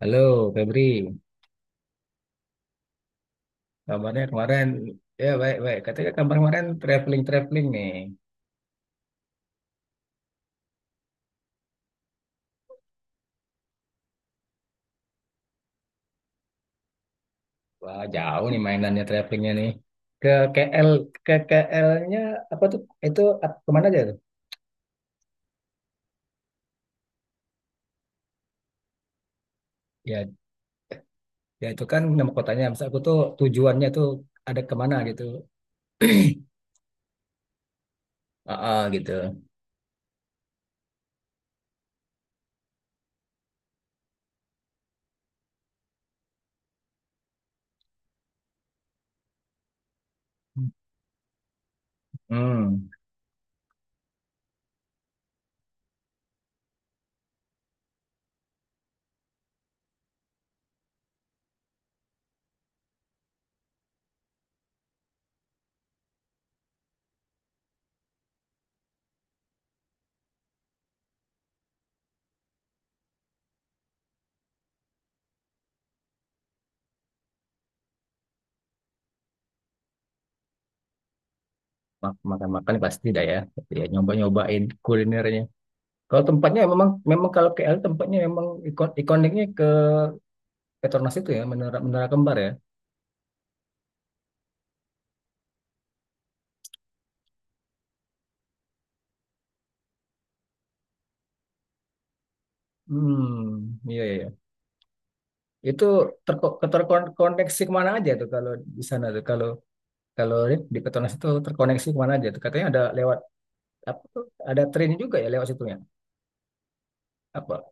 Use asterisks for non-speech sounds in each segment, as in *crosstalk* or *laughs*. Halo Febri, kabarnya kemarin ya baik-baik. Katanya kabar kemarin traveling-traveling nih. Wah jauh nih mainannya travelingnya nih. Ke KL, ke KL-nya apa tuh? Itu kemana aja tuh? Ya, ya itu kan nama kotanya. Maksud aku tuh tujuannya tuh ada kemana gitu. Heeh, gitu. Hmm, makan-makan pasti dah ya. Ya nyoba-nyobain kulinernya. Kalau tempatnya memang memang kalau KL tempatnya memang ikon ikoniknya ke Petronas itu ya, menara Menara Kembar ya. Hmm, iya, iya, iya. Itu terkoneksi kemana aja tuh kalau di sana tuh kalau kalau di Petronas itu terkoneksi kemana aja tuh katanya ada lewat apa tuh ada train juga ya lewat situnya apa?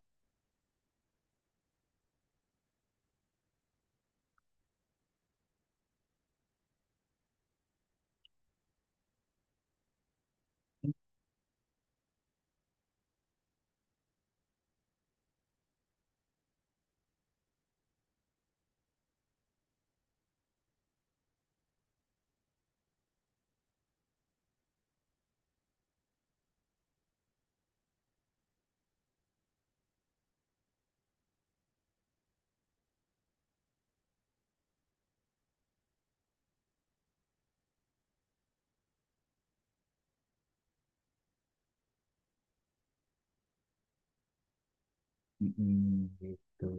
Mm-mm, gitu.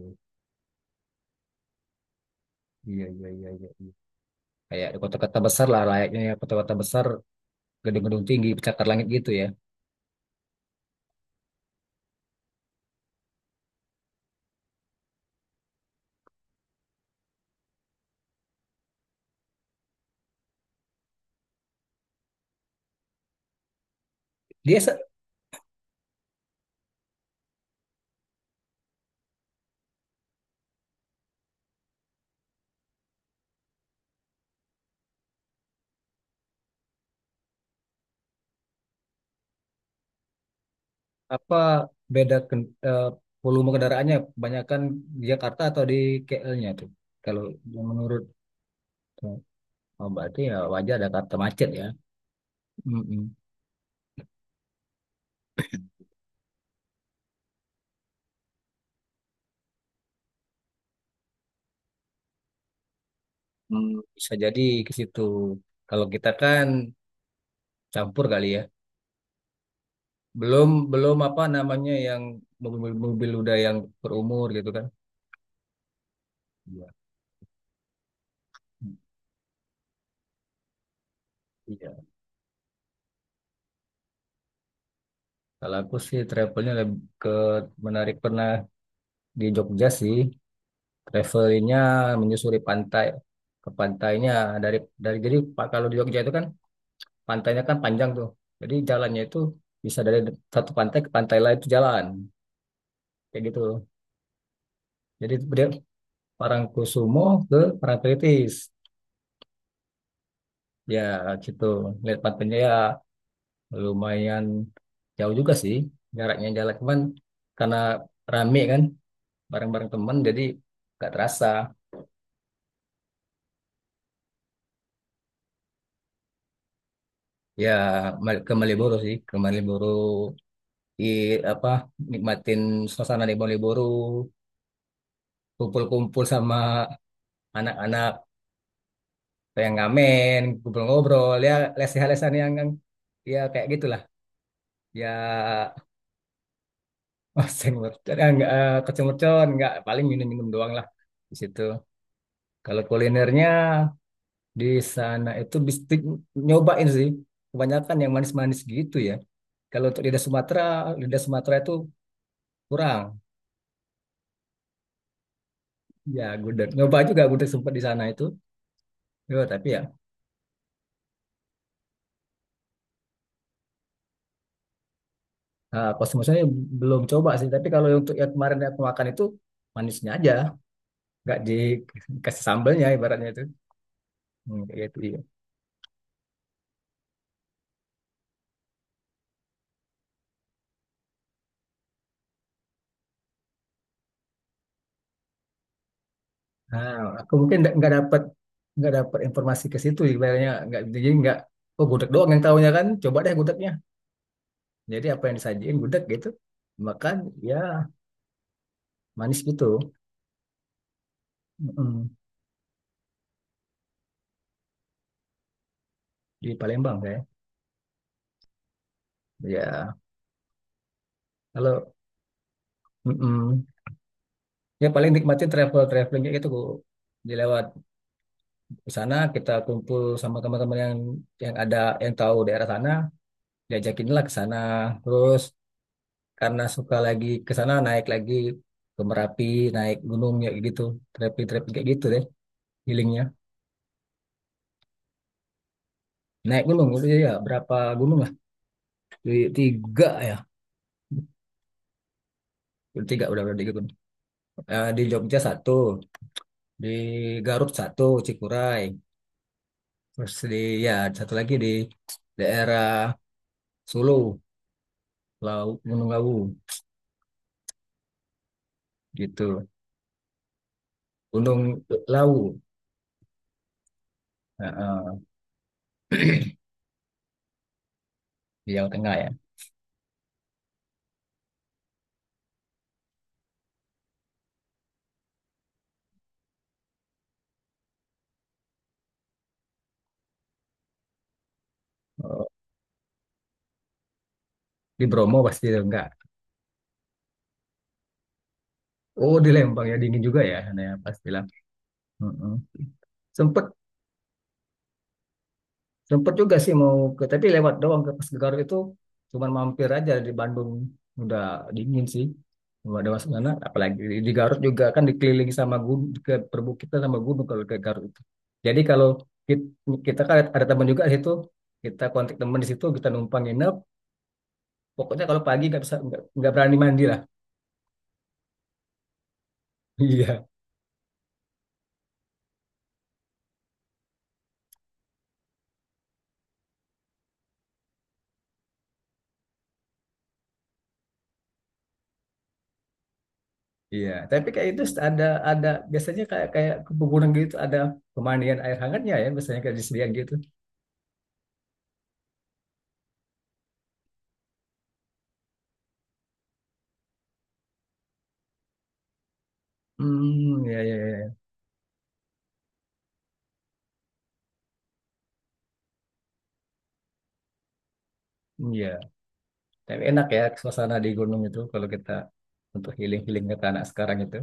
Iya, iya, iya, iya, iya. Kayak di kota-kota besar lah layaknya ya kota-kota besar gedung-gedung tinggi pencakar langit gitu ya. Dia se- Apa beda volume kendaraannya kebanyakan di Jakarta atau di KL-nya tuh. Kalau yang menurut Oh, berarti ya wajar ada Jakarta macet ya. Mm-mm. Hmm, Bisa jadi ke situ. Kalau kita kan campur kali ya. Belum belum apa namanya yang mobil-mobil udah yang berumur gitu kan. Iya. Iya. Kalau aku sih travelnya lebih ke menarik pernah di Jogja sih. Travelingnya menyusuri pantai ke pantainya dari jadi Pak kalau di Jogja itu kan pantainya kan panjang tuh. Jadi jalannya itu bisa dari satu pantai ke pantai lain itu jalan kayak gitu. Jadi dia Parangkusumo ke Parangkritis. Ya gitu. Lihat pantai ya lumayan jauh juga sih jaraknya jalan cuman karena rame kan bareng-bareng teman jadi nggak terasa. Ya ke Malioboro sih, ke Malioboro di apa nikmatin suasana di Malioboro, kumpul-kumpul sama anak-anak yang ngamen, kumpul ngobrol ya lesehan-lesehan yang ya kayak gitulah. Ya. Oh, seng mercon. Eh, nggak eh, kecil mercon. Enggak, paling minum-minum doang lah di situ. Kalau kulinernya di sana itu bistik nyobain sih. Kebanyakan yang manis-manis gitu ya. Kalau untuk lidah Sumatera itu kurang. Ya, gudeg. Nyoba juga gudeg sempat di sana itu. Ya, tapi ya, pas maksudnya belum coba sih. Tapi kalau untuk yang kemarin aku makan itu manisnya aja. Nggak dikasih sambelnya ibaratnya itu. Kayak gitu. Nah, aku mungkin nggak dapat informasi ke situ ibaratnya nggak jadi nggak oh gudeg doang yang tahunya kan coba deh gudegnya jadi apa yang disajiin gudeg gitu makan ya manis gitu. Mm-mm. Di Palembang kayak ya kalau mm-mm. Ya paling nikmatin travelingnya gitu Bu. Di lewat ke sana kita kumpul sama teman-teman yang ada yang tahu daerah sana diajakin lah ke sana terus karena suka lagi ke sana naik lagi ke Merapi naik gunung ya gitu trekking trekking kayak gitu deh healingnya. Naik gunung itu ya berapa gunung lah di tiga ya. Udah tiga gunung. Eh, di Jogja satu di Garut satu Cikuray terus di ya satu lagi di daerah Solo Lawu Gunung Lawu gitu. Gunung Lawu. Nah, di Jawa Tengah ya. Oh, di Bromo pasti itu enggak. Oh di Lembang ya dingin juga ya sana ya pastilah. Mm-mm. Sempet sempet juga sih mau ke tapi lewat doang ke pas ke Garut itu cuman mampir aja di Bandung udah dingin sih. Nggak ada masuk sana apalagi di Garut juga kan dikelilingi sama gunung ke perbukitan sama gunung kalau ke Garut itu. Jadi kalau kita, kita kan ada teman juga di situ. Kita kontak teman di situ kita numpang nginep. Pokoknya kalau pagi nggak bisa nggak berani mandi lah. *laughs* Iya. Iya tapi kayak itu ada ada biasanya kayak kayak ke pegunungan gitu ada pemandian air hangatnya ya biasanya kayak disediakan gitu. Hmm, ya, ya, ya. Iya, tapi enak ya suasana di gunung itu kalau kita untuk healing-healing ke anak sekarang itu.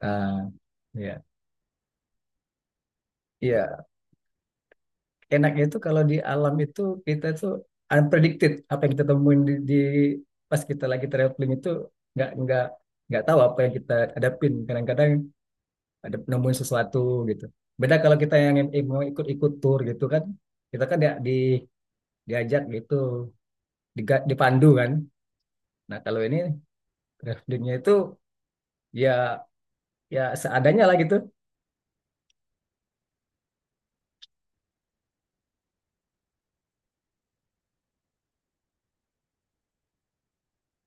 Ah, iya. Iya, enaknya itu kalau di alam itu kita tuh unpredicted apa yang kita temuin di pas kita lagi traveling itu nggak nggak nggak tahu apa yang kita hadapin. Kadang-kadang ada nemuin sesuatu gitu. Beda kalau kita yang mau ikut-ikut tour gitu kan, kita kan di diajak gitu, dipandu kan. Nah, kalau ini travelingnya itu ya ya seadanya lah gitu.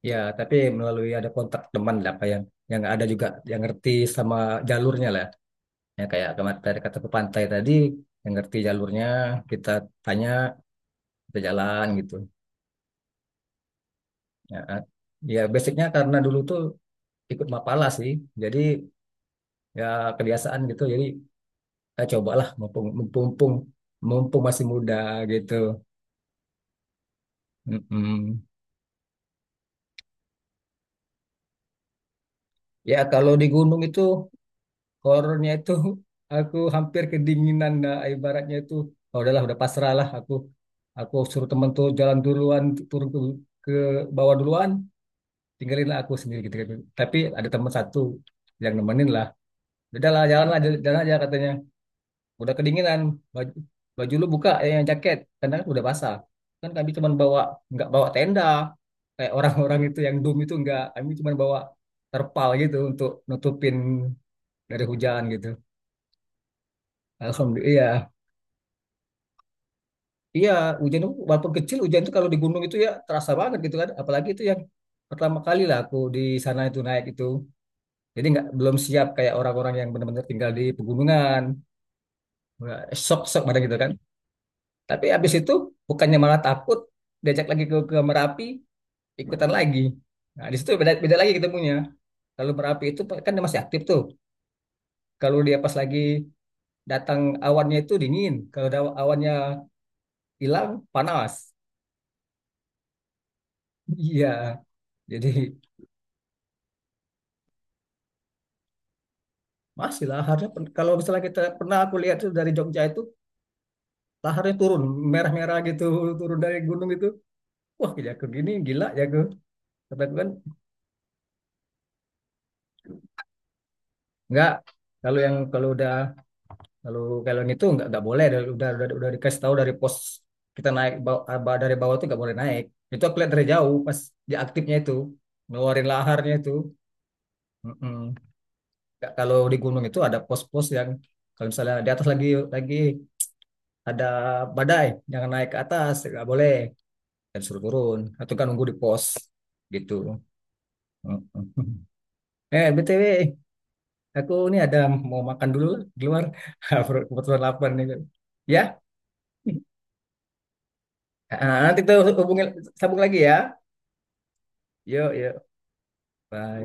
Ya tapi melalui ada kontak teman lah apa yang ada juga yang ngerti sama jalurnya lah. Ya kayak kemarin tadi kata ke pantai tadi yang ngerti jalurnya kita tanya kita jalan gitu ya. Ya basicnya karena dulu tuh ikut Mapala sih jadi ya kebiasaan gitu jadi ya cobalah mumpung mumpung mumpung masih muda gitu. Mm-mm. Ya kalau di gunung itu horornya itu, *laughs* aku hampir kedinginan nah, ibaratnya itu oh, udahlah udah pasrah lah aku suruh temen tuh jalan duluan turun ke bawah duluan tinggalin lah aku sendiri gitu, gitu. Tapi ada teman satu yang nemenin lah udahlah jalan lah jalan jalan aja katanya udah kedinginan baju, baju lu buka eh, yang jaket karena kan udah basah kan kami cuma bawa nggak bawa tenda kayak orang-orang itu yang doom itu nggak kami cuma bawa terpal gitu untuk nutupin dari hujan gitu. Alhamdulillah, iya. Iya, hujan itu walaupun kecil hujan itu kalau di gunung itu ya terasa banget gitu kan. Apalagi itu yang pertama kali lah aku di sana itu naik itu. Jadi nggak belum siap kayak orang-orang yang benar-benar tinggal di pegunungan. Wah, shock-shock pada gitu kan. Tapi habis itu bukannya malah takut diajak lagi ke Merapi ikutan lagi. Nah, di situ beda beda lagi ketemunya. Kalau Merapi itu kan dia masih aktif tuh. Kalau dia pas lagi datang awannya itu dingin, kalau ada awannya hilang panas. Iya. Jadi masih laharnya kalau misalnya kita pernah aku lihat tuh dari Jogja itu laharnya turun merah-merah gitu turun dari gunung itu wah gila aku gini gila ya aku kata aku kan nggak kalau yang kalau udah kalau kalau yang itu nggak boleh udah dikasih tahu dari pos kita naik dari bawah itu nggak boleh naik itu aku lihat dari jauh pas dia aktifnya itu ngeluarin laharnya itu. Mm-mm. Kalau di gunung itu ada pos-pos yang kalau misalnya di atas lagi ada badai jangan naik ke atas nggak boleh dan suruh turun atau kan nunggu di pos gitu. *laughs* Heeh. Eh BTW, aku ini ada mau makan dulu lah di luar. *laughs* Kebetulan lapar nih. Ya, *laughs* Ah, nanti tuh hubungin sambung lagi ya. Yuk, yuk. Bye.